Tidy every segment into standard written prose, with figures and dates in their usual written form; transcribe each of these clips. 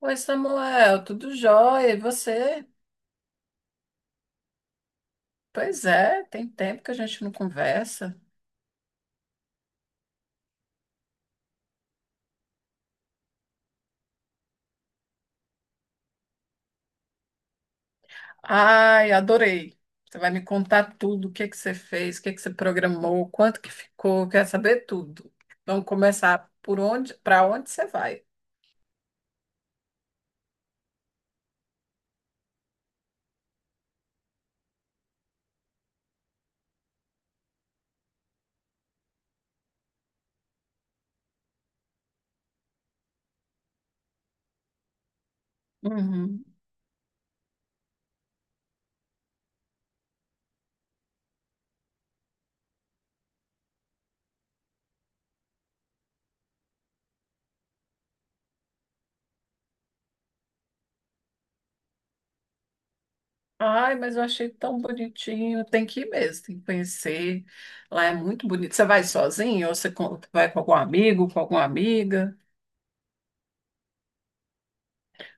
Oi, Samuel, tudo jóia? E você? Pois é, tem tempo que a gente não conversa. Ai, adorei. Você vai me contar tudo, o que que você fez, o que que você programou, quanto que ficou, quero saber tudo. Vamos começar por onde, para onde você vai. Uhum. Ai, mas eu achei tão bonitinho. Tem que ir mesmo, tem que conhecer. Lá é muito bonito. Você vai sozinho ou vai com algum amigo, com alguma amiga?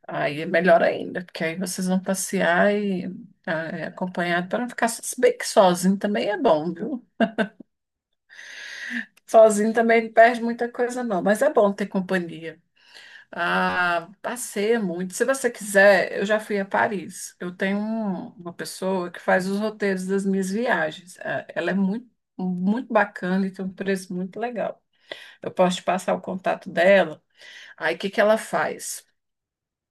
Aí é melhor ainda, porque aí vocês vão passear e ah, é, acompanhado para não ficar se bem que sozinho também é bom, viu? Sozinho também não perde muita coisa, não, mas é bom ter companhia. Ah, passeia muito. Se você quiser, eu já fui a Paris. Eu tenho uma pessoa que faz os roteiros das minhas viagens. Ah, ela é muito, muito bacana e tem um preço muito legal. Eu posso te passar o contato dela. Aí o que que ela faz?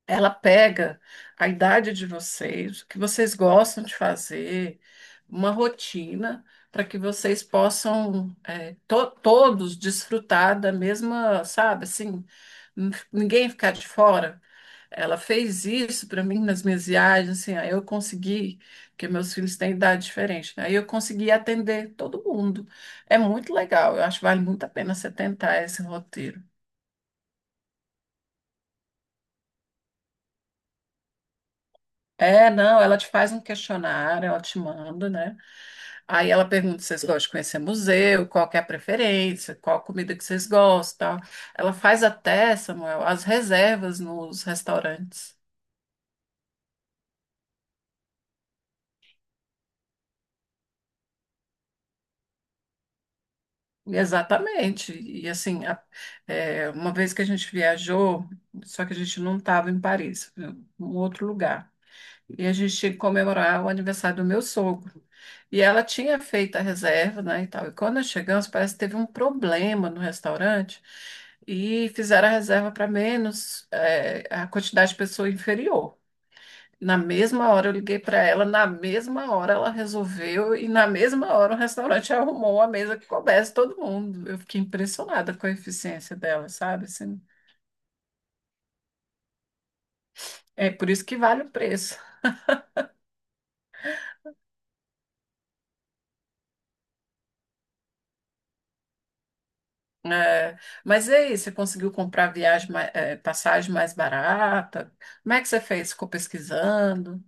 Ela pega a idade de vocês, o que vocês gostam de fazer, uma rotina para que vocês possam todos desfrutar da mesma, sabe, assim, ninguém ficar de fora. Ela fez isso para mim nas minhas viagens, assim, aí eu consegui, porque meus filhos têm idade diferente, né? Aí eu consegui atender todo mundo. É muito legal, eu acho que vale muito a pena você tentar esse roteiro. É, não, ela te faz um questionário, ela te manda, né? Aí ela pergunta se vocês gostam de conhecer museu, qual que é a preferência, qual a comida que vocês gostam. Ela faz até, Samuel, as reservas nos restaurantes. E, exatamente. E assim, uma vez que a gente viajou, só que a gente não estava em Paris, em um outro lugar. E a gente tinha que comemorar o aniversário do meu sogro. E ela tinha feito a reserva, né, e tal. E quando nós chegamos, parece que teve um problema no restaurante e fizeram a reserva para menos, a quantidade de pessoa inferior. Na mesma hora eu liguei para ela, na mesma hora ela resolveu e na mesma hora o restaurante arrumou a mesa que coubesse todo mundo. Eu fiquei impressionada com a eficiência dela, sabe? Assim, é por isso que vale o preço. É, mas e aí, você conseguiu comprar passagem mais barata? Como é que você fez? Ficou pesquisando?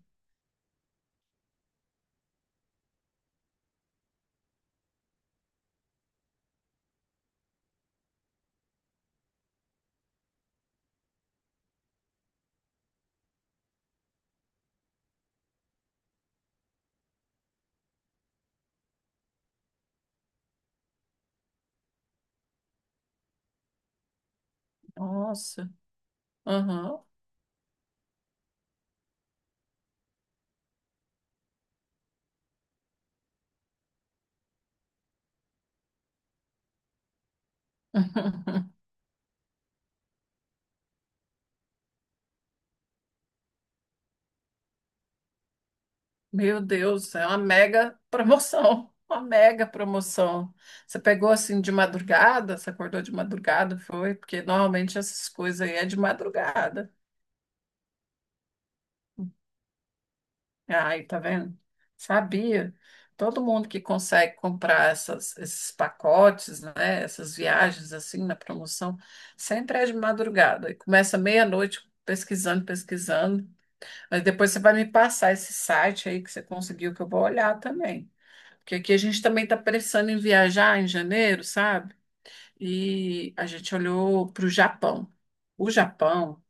Nossa, aham. Meu Deus, é uma mega promoção, uma mega promoção. Você pegou assim de madrugada, você acordou de madrugada, foi? Porque normalmente essas coisas aí é de madrugada. Ai, tá vendo? Sabia. Todo mundo que consegue comprar esses pacotes, né, essas viagens assim na promoção, sempre é de madrugada. E começa meia-noite pesquisando, pesquisando. Mas depois você vai me passar esse site aí que você conseguiu, que eu vou olhar também. Porque aqui a gente também está pensando em viajar em janeiro, sabe? E a gente olhou para o Japão. O Japão.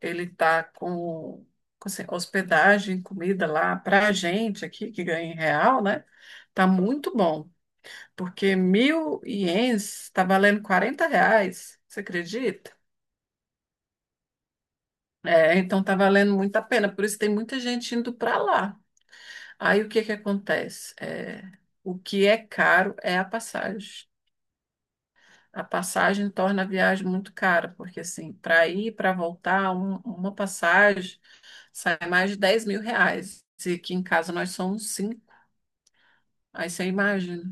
Ele está com, assim, hospedagem, comida lá para a gente aqui, que ganha em real, né? Tá muito bom, porque 1.000 ienes está valendo 40 reais, você acredita? É, então tá valendo muito a pena, por isso tem muita gente indo para lá. Aí o que que acontece? É, o que é caro é a passagem. A passagem torna a viagem muito cara, porque assim, para ir e para voltar, uma passagem sai mais de 10.000 reais. E aqui em casa nós somos cinco. Aí você imagina.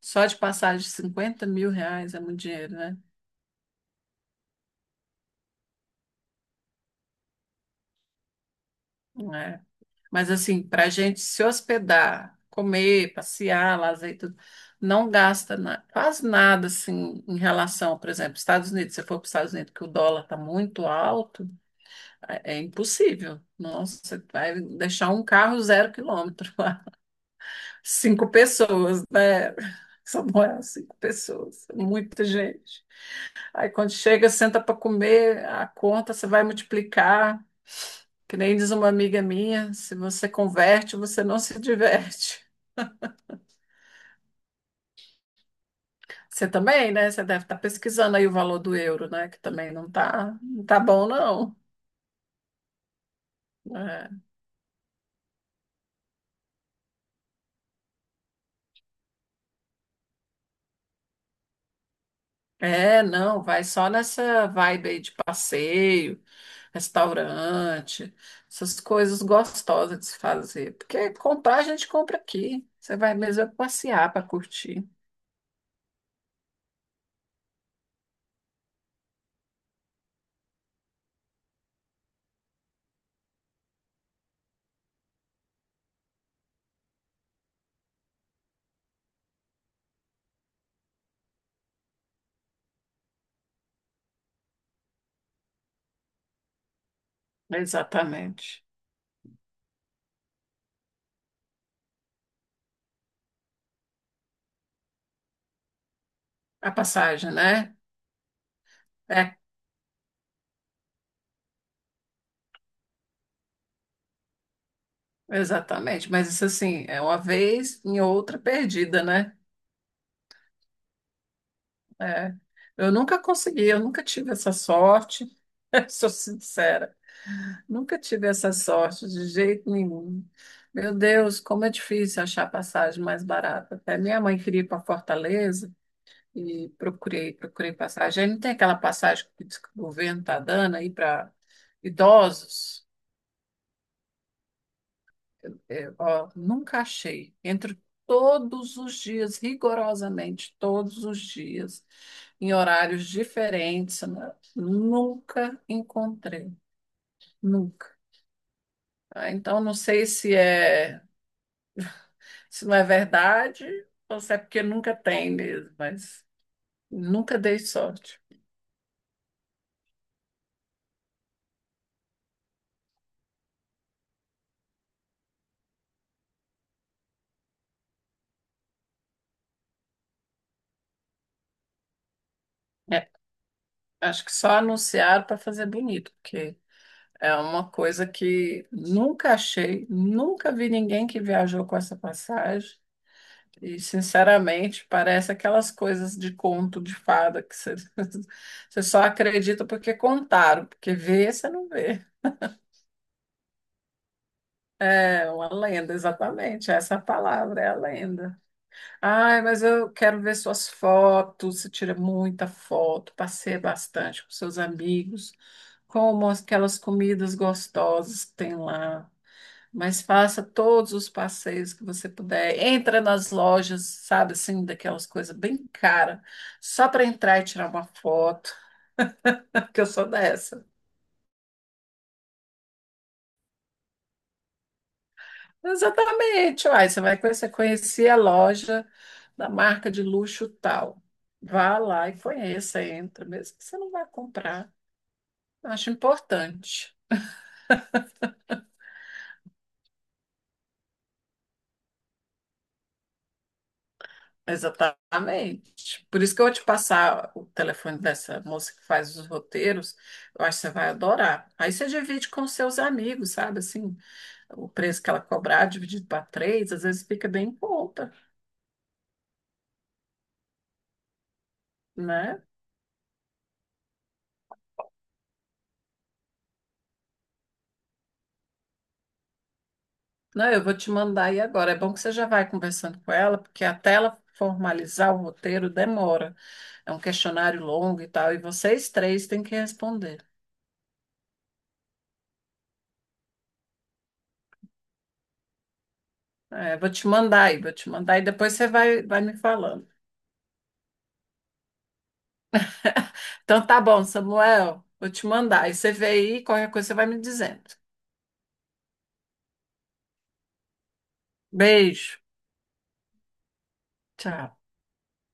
Só de passagem, de 50.000 reais é muito dinheiro, né? É. Mas assim, para a gente se hospedar, comer, passear, lazer e tudo, não gasta quase nada assim em relação, por exemplo, Estados Unidos. Se você for para os Estados Unidos, que o dólar está muito alto, é impossível. Nossa, você vai deixar um carro zero quilômetro. Cinco pessoas, né? Só moram cinco pessoas, é muita gente. Aí quando chega, senta para comer, a conta você vai multiplicar. Que nem diz uma amiga minha, se você converte, você não se diverte. Você também, né? Você deve estar pesquisando aí o valor do euro, né? Que também não tá bom, não. É, é, não, vai só nessa vibe aí de passeio. Restaurante, essas coisas gostosas de se fazer. Porque comprar a gente compra aqui. Você vai mesmo é passear para curtir. Exatamente. A passagem, né? É, exatamente. Mas isso assim, é uma vez em outra perdida, né? É. Eu nunca consegui, eu nunca tive essa sorte. Sou sincera, nunca tive essa sorte de jeito nenhum. Meu Deus, como é difícil achar passagem mais barata. Até minha mãe queria ir para Fortaleza. E procurei, procurei passagem. Aí não tem aquela passagem que diz que o governo está dando aí para idosos? É, ó, nunca achei. Entro todos os dias, rigorosamente, todos os dias, em horários diferentes, né? Nunca encontrei, nunca. Ah, então, não sei se é, se não é verdade ou se é porque nunca tem mesmo, mas nunca dei sorte. É, acho que só anunciaram para fazer bonito, porque é uma coisa que nunca achei, nunca vi ninguém que viajou com essa passagem. E, sinceramente, parece aquelas coisas de conto de fada que você, você só acredita porque contaram, porque vê você não vê. É uma lenda, exatamente. Essa é a palavra é a lenda. Ai, mas eu quero ver suas fotos. Você tira muita foto, passeia bastante com seus amigos, como aquelas comidas gostosas que tem lá. Mas faça todos os passeios que você puder. Entra nas lojas, sabe assim, daquelas coisas bem cara, só para entrar e tirar uma foto, porque eu sou dessa. Exatamente, uai, você vai conhecer, conhecer a loja da marca de luxo tal. Vá lá e conheça, entra, mesmo que você não vai comprar. Acho importante. Exatamente. Por isso que eu vou te passar o telefone dessa moça que faz os roteiros. Eu acho que você vai adorar. Aí você divide com seus amigos, sabe? Assim, o preço que ela cobrar dividido para três, às vezes fica bem em conta, né? Não, eu vou te mandar aí agora. É bom que você já vai conversando com ela, porque até ela formalizar o roteiro demora. É um questionário longo e tal, e vocês três têm que responder. É, vou te mandar aí, vou te mandar aí, depois você vai, vai me falando. Então tá bom, Samuel. Vou te mandar. E você vê aí, qualquer coisa você vai me dizendo. Beijo. Tchau.